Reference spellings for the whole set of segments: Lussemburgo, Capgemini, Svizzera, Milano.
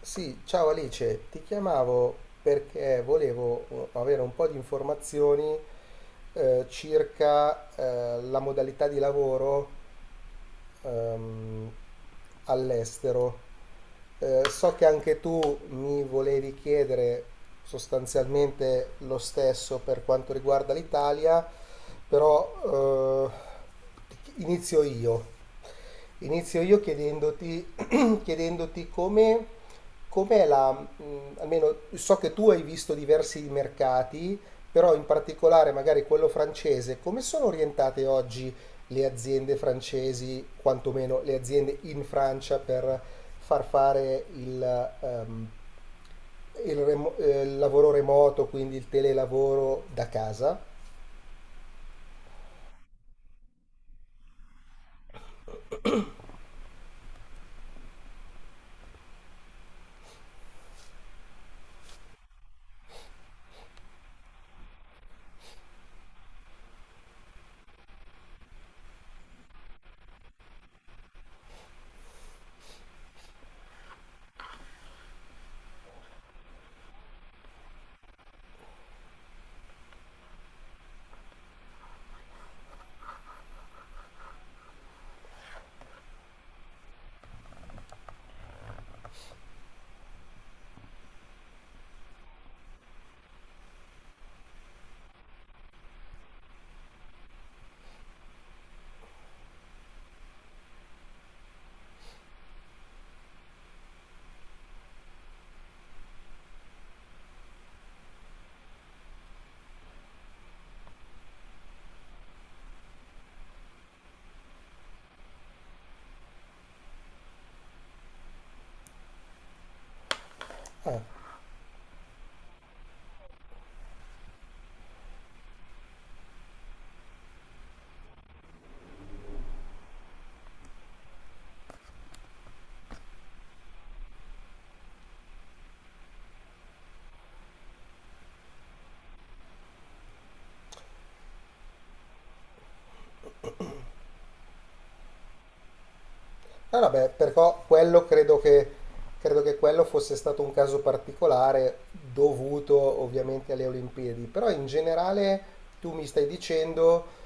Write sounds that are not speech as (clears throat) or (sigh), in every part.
Sì, ciao Alice, ti chiamavo perché volevo avere un po' di informazioni circa la modalità di lavoro ehm, all'estero. So che anche tu mi volevi chiedere sostanzialmente lo stesso per quanto riguarda l'Italia, però inizio io. Inizio io chiedendoti, (clears throat) chiedendoti come, com'è la, almeno so che tu hai visto diversi mercati, però in particolare magari quello francese, come sono orientate oggi le aziende francesi, quantomeno le aziende in Francia, per far fare il, il lavoro remoto, quindi il telelavoro da casa. Ah, ah, vabbè, però credo che quello fosse stato un caso particolare dovuto ovviamente alle Olimpiadi, però in generale tu mi stai dicendo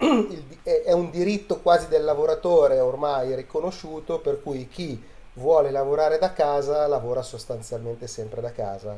è un diritto quasi del lavoratore ormai riconosciuto, per cui chi vuole lavorare da casa lavora sostanzialmente sempre da casa.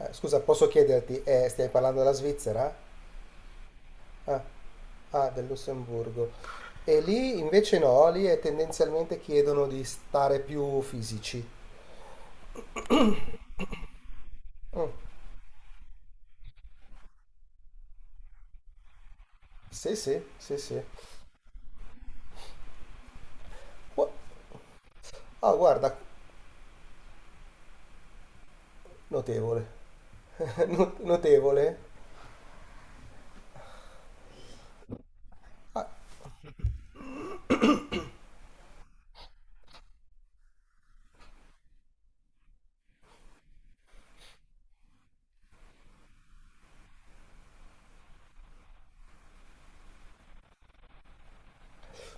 Scusa, posso chiederti, stiamo parlando della Svizzera? Ah, ah, del Lussemburgo. E lì invece no, lì è tendenzialmente chiedono di stare più fisici. Mm, sì, sì, sì, sì. Gu- Ah, guarda, notevole. (laughs) Notevole.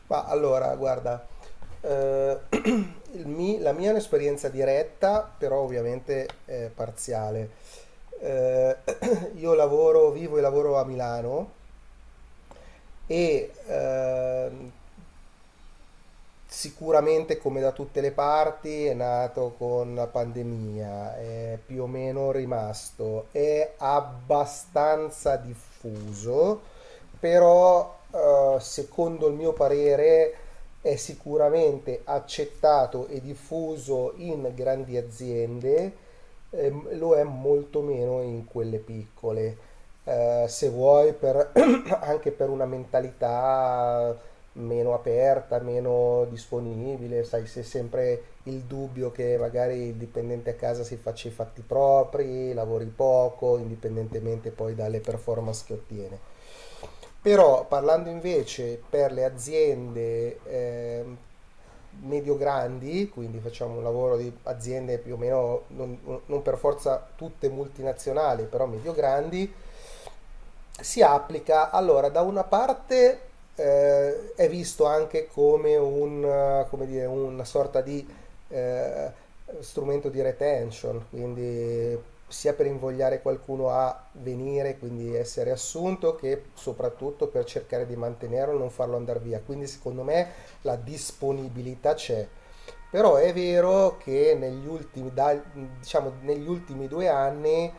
Ma allora, guarda, (clears throat) la mia è un'esperienza diretta, però ovviamente è parziale. Eh, (clears throat) io lavoro, vivo e lavoro a Milano e sicuramente come da tutte le parti è nato con la pandemia, è più o meno rimasto, è abbastanza diffuso, però secondo il mio parere è sicuramente accettato e diffuso in grandi aziende e lo è molto meno in quelle piccole. Se vuoi, per, (clears throat) (coughs) anche per una mentalità meno aperta, meno disponibile, sai, c'è sempre il dubbio che magari il dipendente a casa si faccia i fatti propri, lavori poco, indipendentemente poi dalle performance che ottiene. Però parlando invece per le aziende medio-grandi, quindi facciamo un lavoro di aziende più o meno, non per forza tutte multinazionali, però medio-grandi, si applica, allora, da una parte è visto anche come, un, come dire, una sorta di eh, strumento di retention, quindi sia per invogliare qualcuno a venire, quindi essere assunto, che soprattutto per cercare di mantenerlo e non farlo andare via. Quindi secondo me la disponibilità c'è. Però è vero che diciamo, negli ultimi 2 anni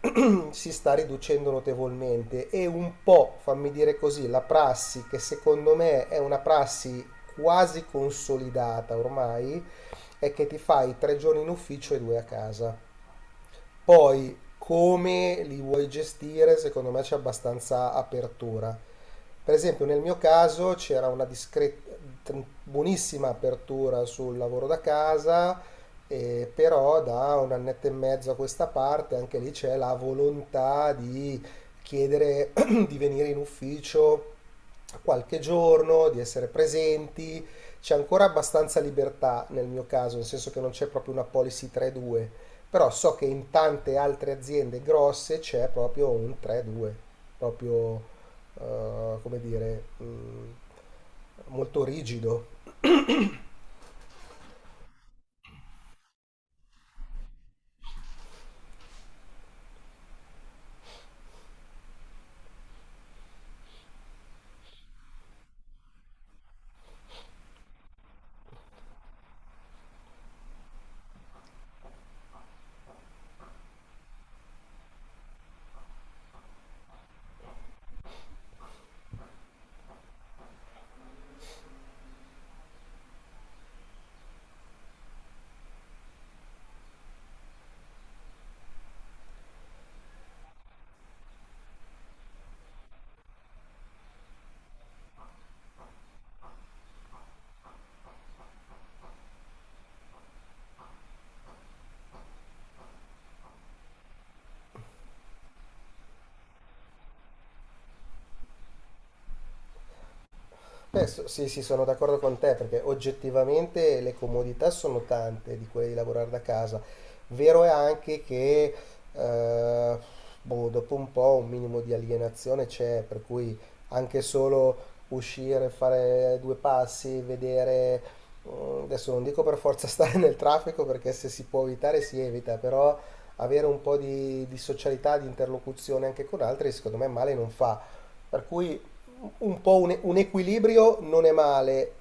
(clears throat) (coughs) si sta riducendo notevolmente e un po', fammi dire così, la prassi che secondo me è una prassi quasi consolidata ormai è che ti fai 3 giorni in ufficio e due a casa. Poi come li vuoi gestire, secondo me c'è abbastanza apertura. Per esempio, nel mio caso c'era una discreta, buonissima apertura sul lavoro da casa, però da un annetto e mezzo a questa parte anche lì c'è la volontà di chiedere (clears throat) di venire in ufficio a qualche giorno, di essere presenti. C'è ancora abbastanza libertà nel mio caso, nel senso che non c'è proprio una policy 3-2, però so che in tante altre aziende grosse c'è proprio un 3-2, proprio come dire, molto rigido. Sì, sì, sono d'accordo con te perché oggettivamente le comodità sono tante di quelle di lavorare da casa. Vero è anche che eh, boh, dopo un po' un minimo di alienazione c'è, per cui anche solo uscire, fare due passi, vedere, adesso non dico per forza (laughs) stare nel traffico perché se si può evitare si evita, però avere un po' di socialità, di interlocuzione anche con altri, secondo me male non fa. Per cui un po' un equilibrio non è male.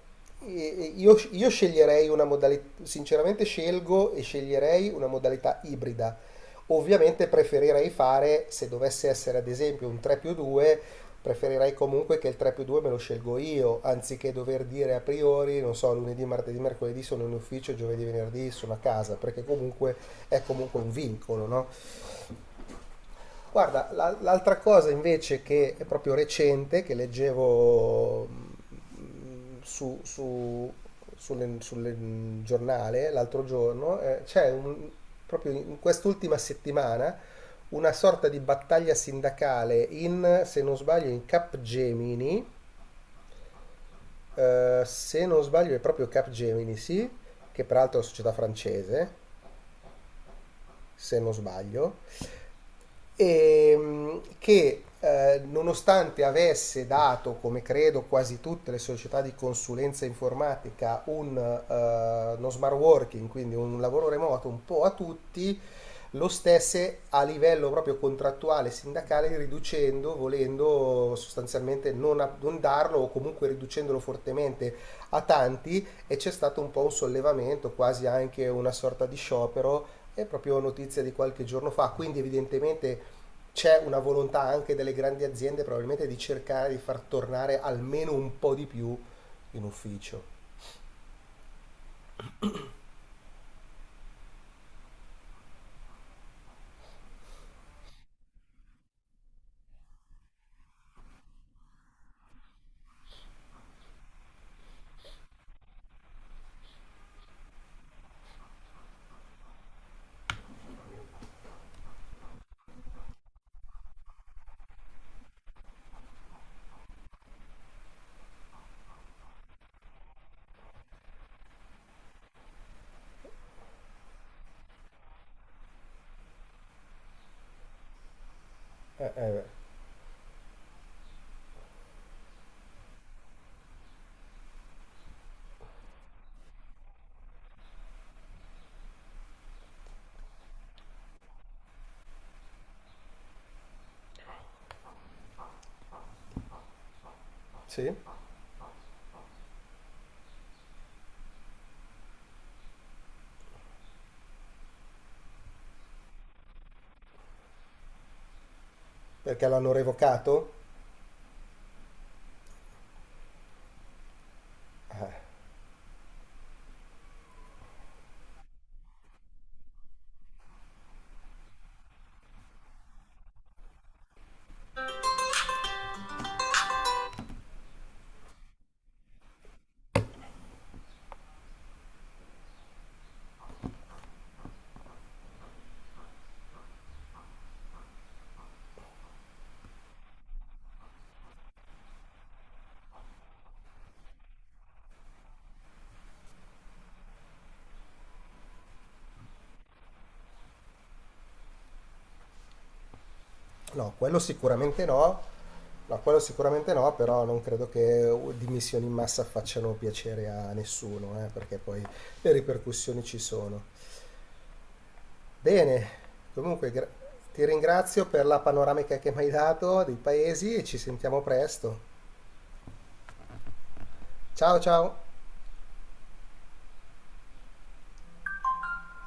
Io sceglierei una modalità, sinceramente scelgo e sceglierei una modalità ibrida. Ovviamente preferirei fare, se dovesse essere ad esempio un 3 più 2, preferirei comunque che il 3 più 2 me lo scelgo io, anziché dover dire a priori, non so, lunedì, martedì, mercoledì sono in ufficio, giovedì, venerdì sono a casa, perché comunque è comunque un vincolo, no? Guarda, l'altra cosa invece che è proprio recente, che leggevo giornale l'altro giorno, proprio in quest'ultima settimana una sorta di battaglia sindacale in, se non sbaglio, in Capgemini, se non sbaglio è proprio Capgemini, sì, che peraltro è una società francese, se non sbaglio che nonostante avesse dato, come credo quasi tutte le società di consulenza informatica, uno smart working, quindi un lavoro remoto un po' a tutti, lo stesse a livello proprio contrattuale sindacale riducendo, volendo sostanzialmente non darlo o comunque riducendolo fortemente a tanti e c'è stato un po' un sollevamento, quasi anche una sorta di sciopero, è proprio notizia di qualche giorno fa, quindi evidentemente c'è una volontà anche delle grandi aziende probabilmente di cercare di far tornare almeno un po' di più in ufficio. Eh. Sì? Perché l'hanno revocato? Eh, no, quello sicuramente no. No, quello sicuramente no, però non credo che dimissioni in massa facciano piacere a nessuno, perché poi le ripercussioni ci sono. Bene, comunque gra- ti ringrazio per la panoramica che mi hai dato dei paesi e ci sentiamo presto. Ciao ciao!